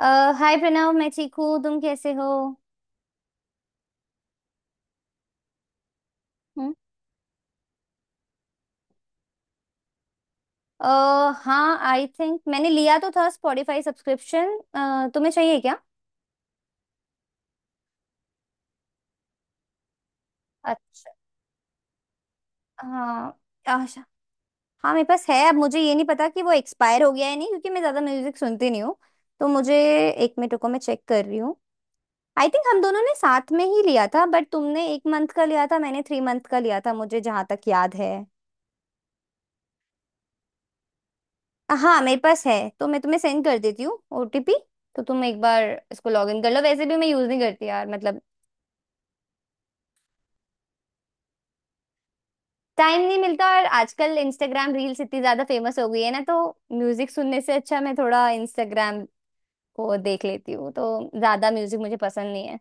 अ, hi Pranav, मैं ठीक हूँ। तुम कैसे हो? हम्म, अ, हाँ, आई थिंक मैंने लिया तो था स्पॉटिफाई सब्सक्रिप्शन। तुम्हें चाहिए क्या? अच्छा। हाँ। अच्छा। हाँ, मेरे पास है। अब मुझे ये नहीं पता कि वो एक्सपायर हो गया है नहीं, क्योंकि मैं ज़्यादा म्यूजिक सुनती नहीं हूँ। तो मुझे 1 मिनट रुको, मैं चेक कर रही हूँ। आई थिंक हम दोनों ने साथ में ही लिया था, बट तुमने 1 मंथ का लिया था, मैंने 3 मंथ का लिया था, मुझे जहाँ तक याद है। हाँ, मेरे पास है। तो मैं तुम्हें सेंड कर देती हूँ ओटीपी। तो तुम एक बार इसको लॉग इन कर लो। वैसे भी मैं यूज नहीं करती यार, मतलब टाइम नहीं मिलता, और आजकल इंस्टाग्राम रील्स इतनी ज्यादा फेमस हो गई है ना, तो म्यूजिक सुनने से अच्छा मैं थोड़ा इंस्टाग्राम को देख लेती हूँ। तो ज्यादा म्यूजिक मुझे पसंद नहीं है।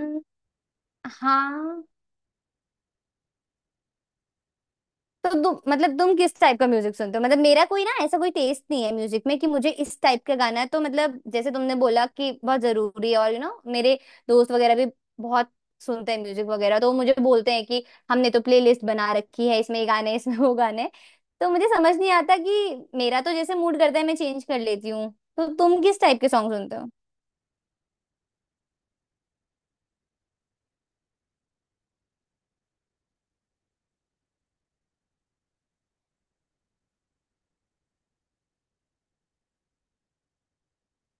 हम्म। हाँ, तो तुम किस टाइप का म्यूजिक सुनते हो? मतलब मेरा कोई ना ऐसा कोई टेस्ट नहीं है म्यूजिक में कि मुझे इस टाइप का गाना है, तो मतलब जैसे तुमने बोला कि बहुत जरूरी है, और यू you नो know, मेरे दोस्त वगैरह भी बहुत सुनते हैं म्यूजिक वगैरह, तो वो मुझे बोलते हैं कि हमने तो प्लेलिस्ट बना रखी है, इसमें ये गाने हैं, इसमें वो गाने हैं। तो मुझे समझ नहीं आता कि मेरा तो जैसे मूड करता है मैं चेंज कर लेती हूँ। तो तुम किस टाइप के सॉन्ग सुनते हो?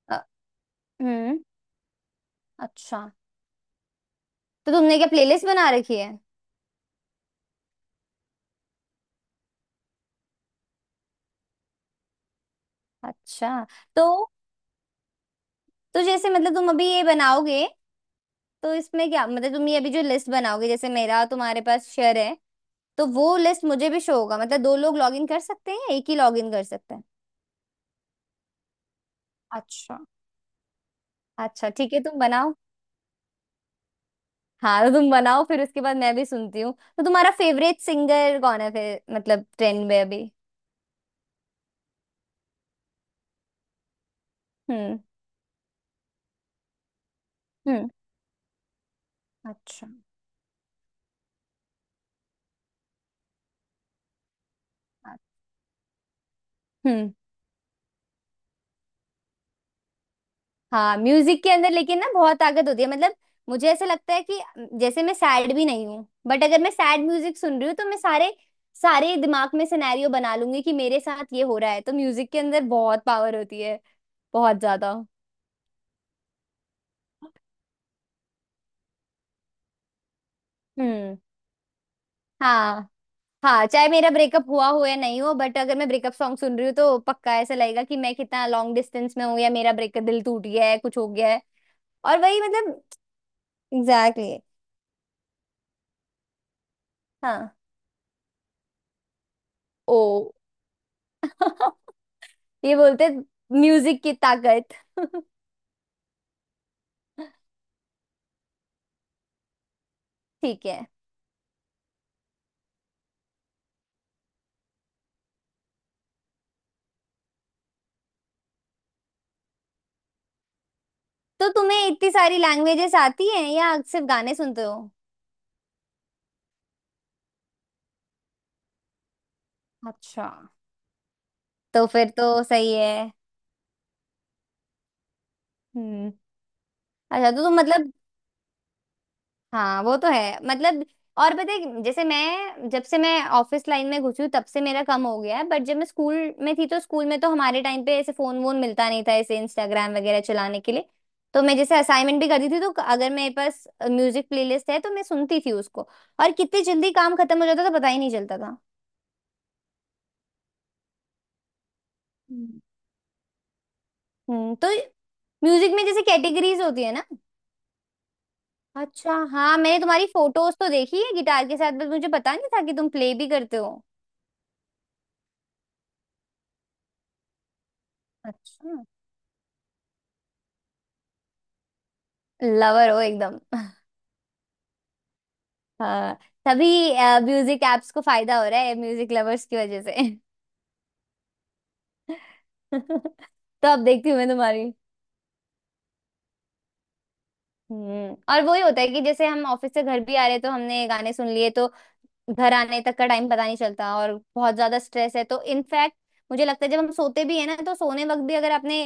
अ, हम्म। अच्छा, तो तुमने क्या प्लेलिस्ट बना रखी है? अच्छा। तो तो जैसे मतलब तुम अभी ये बनाओगे, तो इसमें क्या, मतलब तुम ये अभी जो लिस्ट बनाओगे, जैसे मेरा और तुम्हारे पास शेयर है, तो वो लिस्ट मुझे भी शो होगा? मतलब दो लोग लॉग इन कर सकते हैं या एक ही लॉग इन कर सकते हैं? अच्छा। अच्छा, ठीक है, तुम बनाओ। हाँ, तो तुम बनाओ, फिर उसके बाद मैं भी सुनती हूँ। तो तुम्हारा फेवरेट सिंगर कौन है फिर, मतलब ट्रेंड में अभी? हम्म। हम्म। अच्छा। हम्म। हाँ, म्यूजिक के अंदर लेकिन ना बहुत ताकत होती है, मतलब मुझे ऐसा लगता है कि जैसे मैं सैड भी नहीं हूँ, बट अगर मैं सैड म्यूजिक सुन रही हूँ तो मैं सारे सारे दिमाग में सिनेरियो बना लूंगी कि मेरे साथ ये हो रहा है। तो म्यूजिक के अंदर बहुत पावर होती है, बहुत ज्यादा। हम्म। हाँ। हाँ, चाहे मेरा ब्रेकअप हुआ हो या नहीं हो, बट अगर मैं ब्रेकअप सॉन्ग सुन रही हूँ तो पक्का ऐसा लगेगा कि मैं कितना लॉन्ग डिस्टेंस में हूँ, या मेरा ब्रेकअप, दिल टूट गया है, कुछ हो गया है। और वही मतलब, एग्जैक्टली exactly. हाँ। ओ। ये बोलते म्यूजिक की ताकत। ठीक है। तो तुम्हें इतनी सारी लैंग्वेजेस आती हैं या सिर्फ गाने सुनते हो? अच्छा। तो फिर तो सही है। हम्म। अच्छा, तो तुम मतलब, हाँ वो तो है मतलब। और पता है कि जैसे मैं, जब से मैं ऑफिस लाइन में घुसी हूँ तब से मेरा कम हो गया है, बट जब मैं स्कूल में थी तो स्कूल में तो हमारे टाइम पे ऐसे फोन वोन मिलता नहीं था ऐसे इंस्टाग्राम वगैरह चलाने के लिए। तो मैं जैसे असाइनमेंट भी करती थी तो अगर मेरे पास म्यूजिक प्लेलिस्ट है तो मैं सुनती थी उसको, और कितनी जल्दी काम खत्म हो जाता था, पता ही नहीं चलता था। हम्म। हम्म। तो म्यूजिक में जैसे कैटेगरीज होती है ना। अच्छा, हाँ, मैंने तुम्हारी फोटोज तो देखी है गिटार के साथ, बस मुझे पता नहीं था कि तुम प्ले भी करते हो। अच्छा। लवर हो एकदम। हाँ। तभी म्यूजिक एप्स को फायदा हो रहा है म्यूजिक लवर्स की वजह से। तो अब देखती हूँ मैं तुम्हारी। हम्म, और वही होता है कि जैसे हम ऑफिस से घर भी आ रहे हैं, तो हमने गाने सुन लिए, तो घर आने तक का टाइम पता नहीं चलता, और बहुत ज्यादा स्ट्रेस है, तो इनफैक्ट मुझे लगता है जब हम सोते भी है ना, तो सोने वक्त भी अगर आपने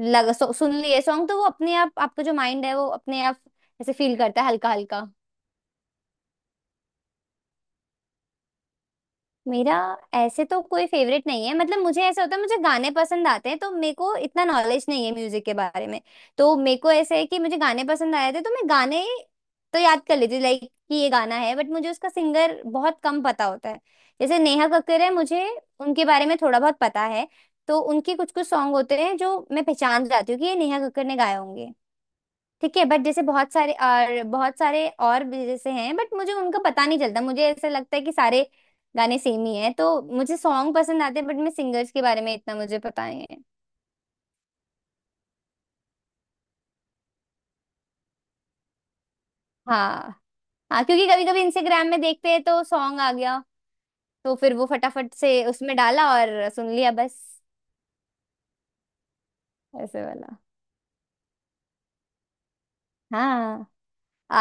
सुन लिए सॉन्ग तो वो अपने आप, आपका जो माइंड है वो अपने आप ऐसे फील करता है, हल्का हल्का। मेरा ऐसे तो कोई फेवरेट नहीं है, मतलब मुझे ऐसा होता है मुझे गाने पसंद आते हैं, तो मेरे को इतना नॉलेज नहीं है म्यूजिक के बारे में। तो मेरे को ऐसे है कि मुझे गाने पसंद आए थे तो मैं गाने तो याद कर लेती, लाइक कि ये गाना है, बट मुझे उसका सिंगर बहुत कम पता होता है। जैसे नेहा कक्कर है, मुझे उनके बारे में थोड़ा बहुत पता है, तो उनके कुछ कुछ सॉन्ग होते हैं जो मैं पहचान जाती हूँ कि ये नेहा कक्कर ने गाए होंगे। ठीक है, बट जैसे बहुत सारे, और बहुत सारे और भी जैसे हैं, बट मुझे उनका पता नहीं चलता। मुझे ऐसा लगता है कि सारे गाने सेम ही हैं। तो मुझे सॉन्ग पसंद आते हैं, बट मैं सिंगर्स के बारे में इतना मुझे पता नहीं है। हाँ। हाँ, क्योंकि कभी कभी इंस्टाग्राम में देखते हैं तो सॉन्ग आ गया, तो फिर वो फटाफट से उसमें डाला और सुन लिया, बस। ऐसे वाला। हाँ।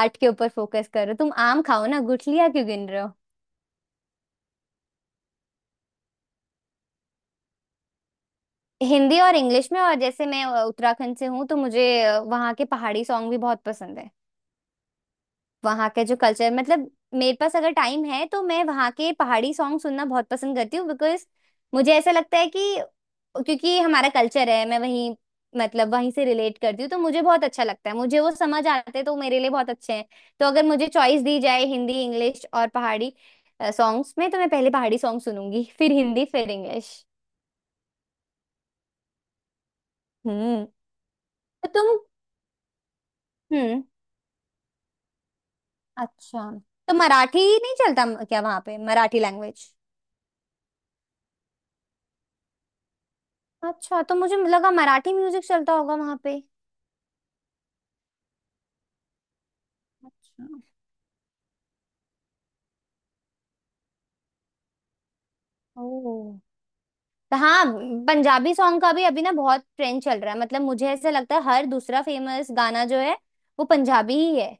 आर्ट के ऊपर फोकस करो, तुम आम खाओ ना, गुठलियाँ क्यों गिन रहे हो। हिंदी और इंग्लिश में, और जैसे मैं उत्तराखंड से हूँ तो मुझे वहाँ के पहाड़ी सॉन्ग भी बहुत पसंद है। वहाँ के जो कल्चर, मतलब मेरे पास अगर टाइम है तो मैं वहाँ के पहाड़ी सॉन्ग सुनना बहुत पसंद करती हूँ, बिकॉज मुझे ऐसा लगता है कि, क्योंकि ये हमारा कल्चर है, मैं वहीं, मतलब वहीं से रिलेट करती हूँ, तो मुझे बहुत अच्छा लगता है, मुझे वो समझ आते हैं, तो वो मेरे लिए बहुत अच्छे हैं। तो अगर मुझे चॉइस दी जाए हिंदी, इंग्लिश और पहाड़ी सॉन्ग्स में, तो मैं पहले पहाड़ी सॉन्ग सुनूंगी, फिर हिंदी, फिर इंग्लिश। हम्म। तो तुम। हम्म। अच्छा, तो मराठी नहीं चलता? म- क्या वहाँ पे मराठी लैंग्वेज? अच्छा, तो मुझे लगा मराठी म्यूजिक चलता होगा वहां पे। अच्छा। ओह। तो हाँ, पंजाबी सॉन्ग का भी अभी ना बहुत ट्रेंड चल रहा है। मतलब मुझे ऐसा लगता है हर दूसरा फेमस गाना जो है वो पंजाबी ही है।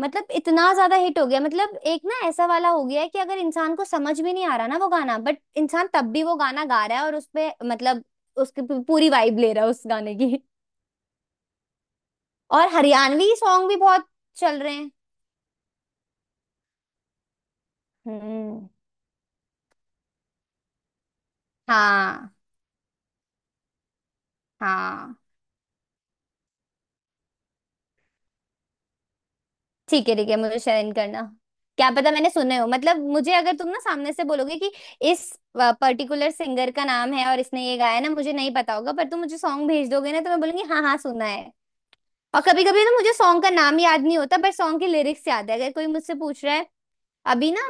मतलब इतना ज्यादा हिट हो गया, मतलब एक ना ऐसा वाला हो गया है कि अगर इंसान को समझ भी नहीं आ रहा ना वो गाना, बट इंसान तब भी वो गाना गा रहा है और उस पे मतलब उसकी पूरी वाइब ले रहा है उस गाने की। और हरियाणवी सॉन्ग भी बहुत चल रहे हैं। हम्म। हाँ। हाँ, ठीक है, ठीक है, मुझे शेयर करना। क्या पता मैंने सुने हो, मतलब मुझे अगर तुम ना सामने से बोलोगे कि इस पर्टिकुलर सिंगर का नाम है और इसने ये गाया है ना, मुझे नहीं पता होगा, पर तुम मुझे सॉन्ग भेज दोगे ना, तो मैं बोलूंगी हाँ हाँ सुना है। और कभी कभी ना मुझे सॉन्ग का नाम याद नहीं होता पर सॉन्ग के लिरिक्स याद है, अगर कोई मुझसे पूछ रहा है। अभी ना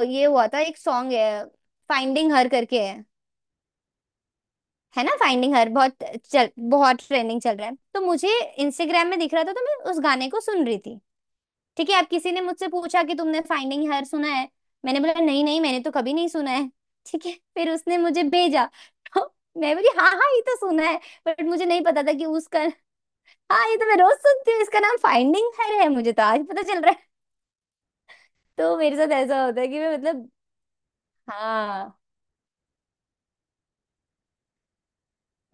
ये हुआ था, एक सॉन्ग है फाइंडिंग हर करके है ना? फाइंडिंग हर, बहुत चल बहुत ट्रेंडिंग चल रहा है, तो मुझे इंस्टाग्राम में दिख रहा था तो मैं उस गाने को सुन रही थी। ठीक है, अब किसी ने मुझसे पूछा कि तुमने फाइंडिंग हर सुना है? मैंने बोला नहीं नहीं, मैंने तो कभी नहीं सुना है। ठीक है, फिर उसने मुझे भेजा, तो मैं बोली हाँ हाँ, ये तो सुना है, बट मुझे नहीं पता था कि उसका, हाँ ये तो मैं रोज सुनती हूँ, इसका नाम फाइंडिंग हर है, मुझे तो आज पता चल रहा है। तो मेरे साथ ऐसा होता है कि मैं मतलब, हाँ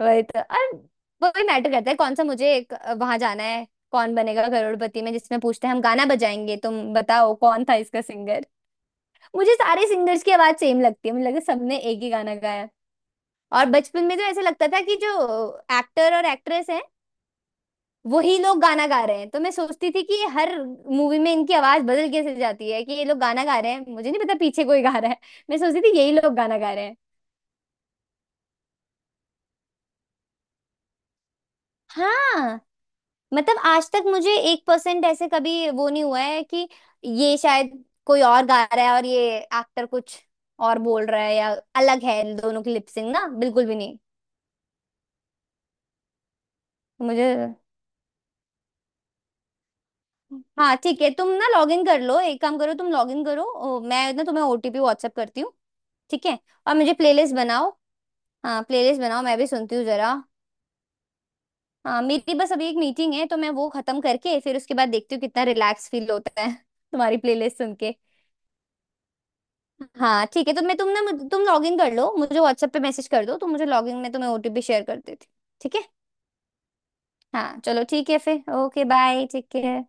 वही तो। और वो भी मैटर करता है कौन सा, वहां जाना है, कौन बनेगा करोड़पति में, जिसमें पूछते हैं हम गाना बजाएंगे तुम बताओ कौन था इसका सिंगर। मुझे सारे सिंगर्स की आवाज सेम लगती है, मुझे लगा सबने एक ही गाना गाया। और बचपन में तो ऐसे लगता था कि जो एक्टर और एक्ट्रेस हैं वही लोग गाना गा रहे हैं। तो मैं सोचती थी कि ये हर मूवी में इनकी आवाज बदल कैसे जाती है, कि ये लोग गाना गा रहे हैं, मुझे नहीं पता पीछे कोई गा रहा है, मैं सोचती थी यही लोग गाना गा रहे हैं। हाँ। मतलब आज तक मुझे 1% ऐसे कभी वो नहीं हुआ है कि ये शायद कोई और गा रहा है और ये एक्टर कुछ और बोल रहा है, या अलग है इन दोनों की लिपसिंग ना, बिल्कुल भी नहीं। मुझे, हाँ ठीक है, तुम ना लॉग इन कर लो, एक काम करो, तुम लॉग इन करो, मैं ना तुम्हें ओटीपी व्हाट्सएप करती हूँ। ठीक है। और मुझे प्लेलिस्ट बनाओ। हाँ, प्लेलिस्ट बनाओ, मैं भी सुनती हूँ जरा। हाँ, मेरी बस अभी 1 मीटिंग है, तो मैं वो खत्म करके फिर उसके बाद देखती हूँ कितना रिलैक्स फील होता है तुम्हारी प्लेलिस्ट सुन के। हाँ ठीक है, तो मैं तुम ना मुझ- तुम लॉग इन कर लो, मुझे व्हाट्सएप पे मैसेज कर दो, तो मुझे लॉग इन में तुम्हें ओटीपी शेयर कर देती हूँ, ठीक है। हाँ चलो, ठीक है, फिर ओके, बाय, ठीक है।